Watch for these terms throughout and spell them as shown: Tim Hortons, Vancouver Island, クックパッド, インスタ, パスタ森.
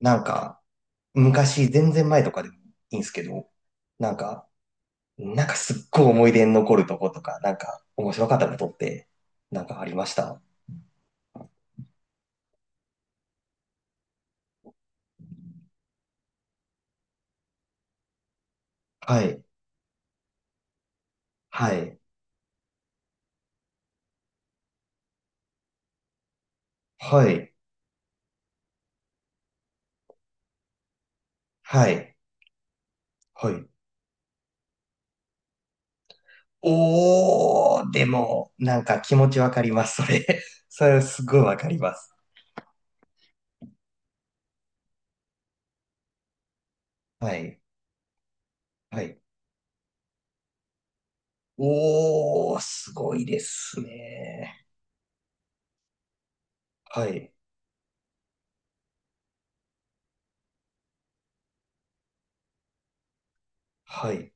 なんか、昔、全然前とかでもいいんですけど、なんか、なんかすっごい思い出に残るとことか、なんか面白かったことって、なんかありました？はい、はい、はい、はい、はい。おー、でも、なんか気持ちわかります、それ。それすごいわかります。はい、はい。おー、すごいですね。はい、はい。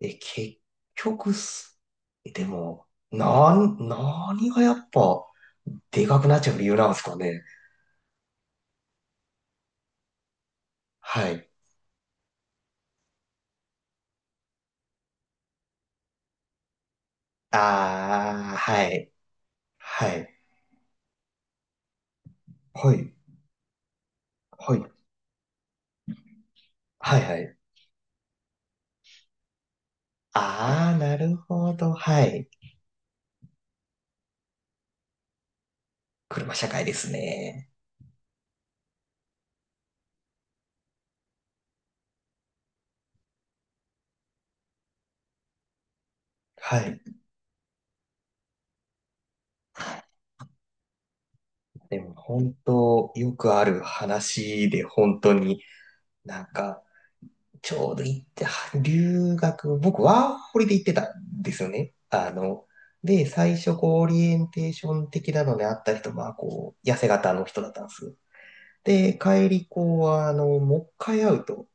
え、結局す、でも、何がやっぱ、でかくなっちゃう理由なんですかね。はい。ああ、はい。はい。はい。はい。はい、はい。ああ、なるほど。はい。車社会ですね。はい。でも、本当よくある話で、本当になんか、ちょうど行って、は留学、僕、ワーホリで行ってたんですよね。あの、で、最初、こう、オリエンテーション的なのであった人まあこう、痩せ型の人だったんです。で、帰り、こう、あの、もう一回会うと、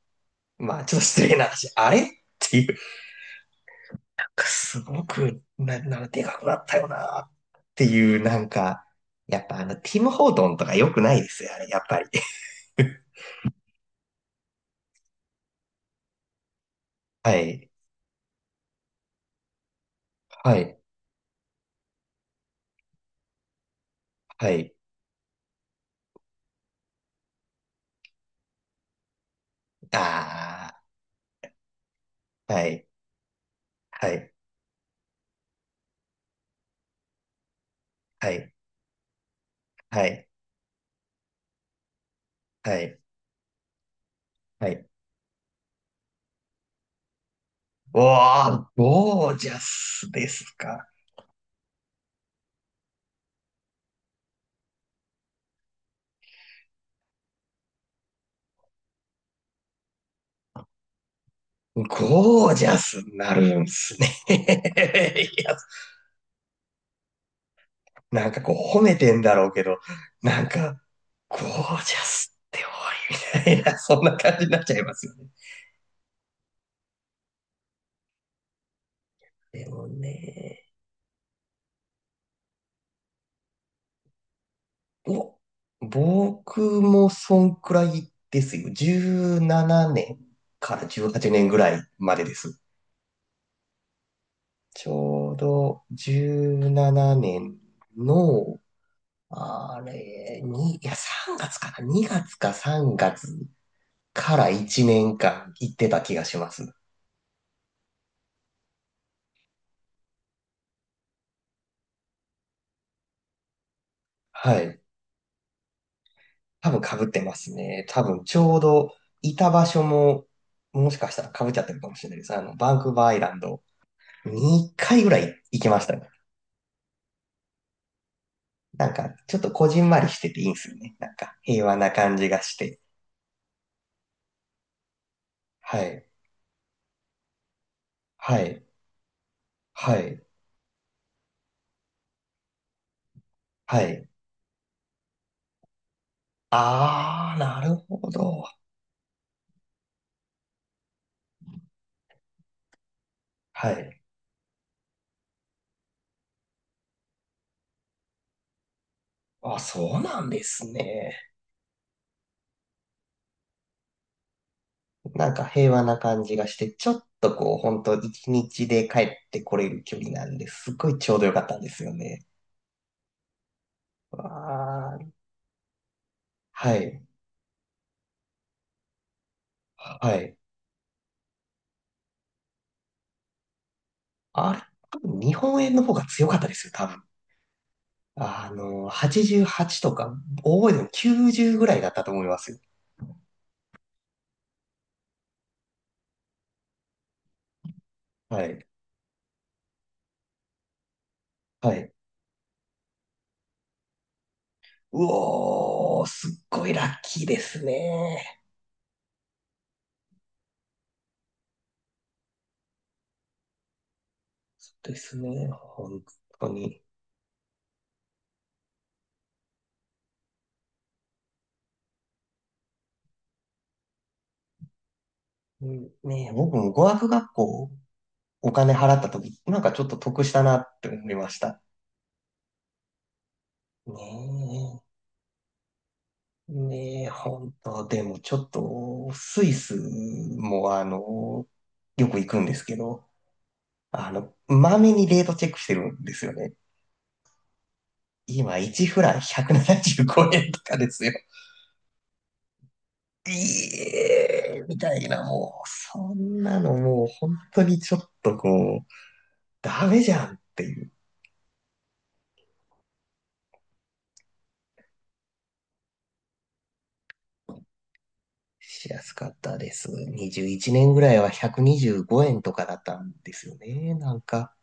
まあ、ちょっと失礼な話、あれっていう、なんかすごく、なんかでかくなったよな、っていう、なんか、やっぱあの、ティム・ホートンとか良くないですよ、あれ、やっぱり。はい、はい、はい、ああ、はい、はい、はい、はい。はい。はい。おー、ゴージャスですか。ゴージャスになるんすね。いや、なんかこう褒めてんだろうけど、なんか、ゴージャスって多いみたいな、そんな感じになっちゃいますよね。でもね、お、僕もそんくらいですよ。17年から18年ぐらいまでです。ちょうど17年のあれ、に、いや、3月かな？ 2 月か3月から1年間行ってた気がします。はい。多分被ってますね。多分ちょうどいた場所も、もしかしたら被っちゃってるかもしれないです。あの、バンクーバーアイランド2回ぐらい行きましたね。なんか、ちょっとこじんまりしてていいんですよね。なんか、平和な感じがして。はい。はい。はい。はい。あー、なるほど。はい。あ、そうなんですね。なんか平和な感じがして、ちょっとこう、本当一日で帰ってこれる距離なんで、すっごいちょうどよかったんですよね。わー。はい。はい。あれ、多分日本円の方が強かったですよ、多分。あの、88とか、覚えても90ぐらいだったと思いますよ。はい。はい。うおー、すっごいラッキーですね。そうですね、本当に。うんねえ、僕も語学学校お金払った時、なんかちょっと得したなって思いました。ねえ、ねえ、本当でもちょっと、スイスもあの、よく行くんですけど、あの、まめにレートチェックしてるんですよね。今、1フラン175円とかですよ。いえ、みたいな、もう、そんなのもう、本当にちょっとこう、ダメじゃんっていう。しやすかったです。21年ぐらいは125円とかだったんですよね。なんか、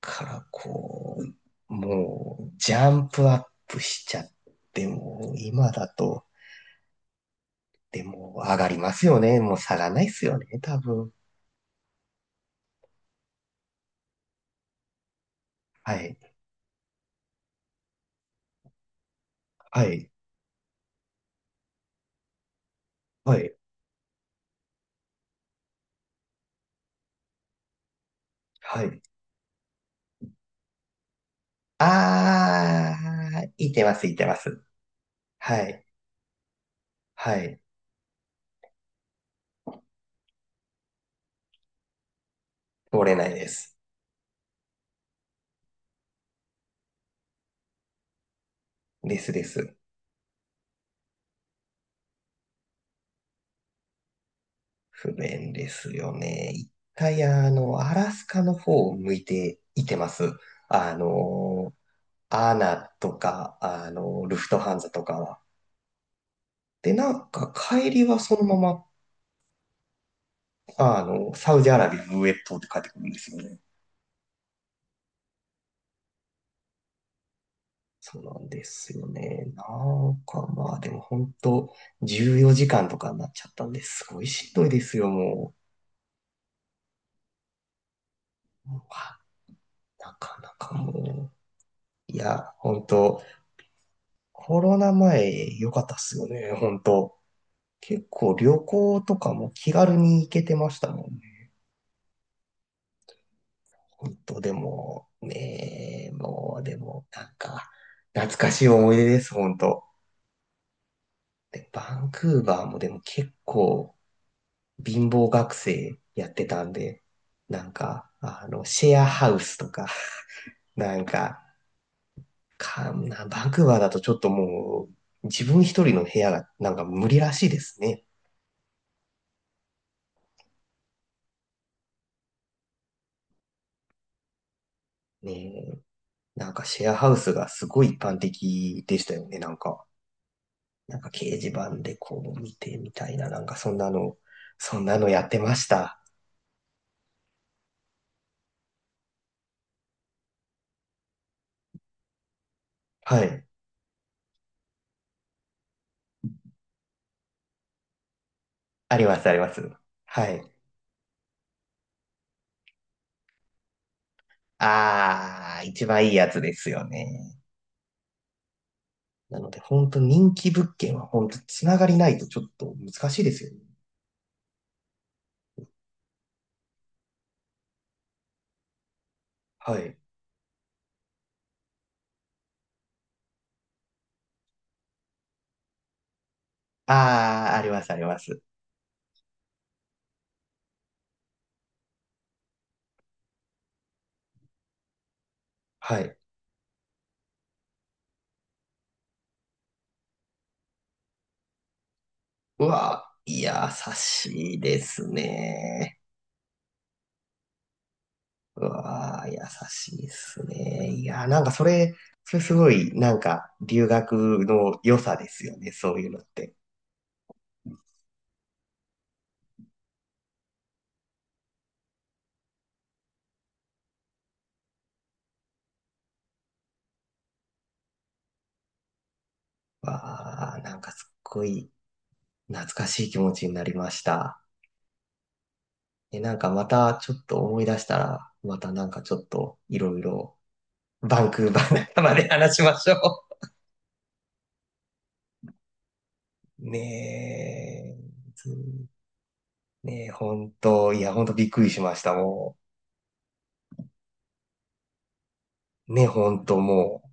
からこう、もう、ジャンプアップしちゃってもう、今だと、でも、上がりますよね。もう下がらないっすよね、多分。はい。はい。はい。はい。あー、いてます、いてます。はい。はい。通れないです。ですです。不便ですよね。一回、あの、アラスカの方を向いていてます。あの、アナとか、あの、ルフトハンザとかは。で、なんか帰りはそのまま、あの、サウジアラビアの上通って帰ってくるんですよね。そうなんですよね。なんかまあ、でも本当14時間とかになっちゃったんですごいしんどいですよ、もう。うわなかなかもう。いや、本当コロナ前良かったっすよね、本当。結構旅行とかも気軽に行けてましたもんね。本当でも、ねえ、もうでも、なんか、懐かしい思い出です、本当。で、バンクーバーもでも結構貧乏学生やってたんで、なんか、あの、シェアハウスとか、なんか、バンクーバーだとちょっともう、自分一人の部屋がなんか無理らしいですね。ねえなんかシェアハウスがすごい一般的でしたよね、なんか。なんか掲示板でこう見てみたいな、なんかそんなのやってました。はい。あります、あります。はい。ああ、一番いいやつですよね。なので、本当人気物件は本当つながりないとちょっと難しいですよね。はい。ああ、あります、あります。はい。うわー、いやー、優しいですね。うわー、優しいっすね。いやー、なんかそれすごい、なんか留学の良さですよね、そういうのって。わー、なんかすっごい懐かしい気持ちになりました。え、なんかまたちょっと思い出したら、またなんかちょっといろいろバンクーバー仲間で話しましょう。ねえ、ねえ、ほんと、いや、ほんとびっくりしました、もう。ねほんともう。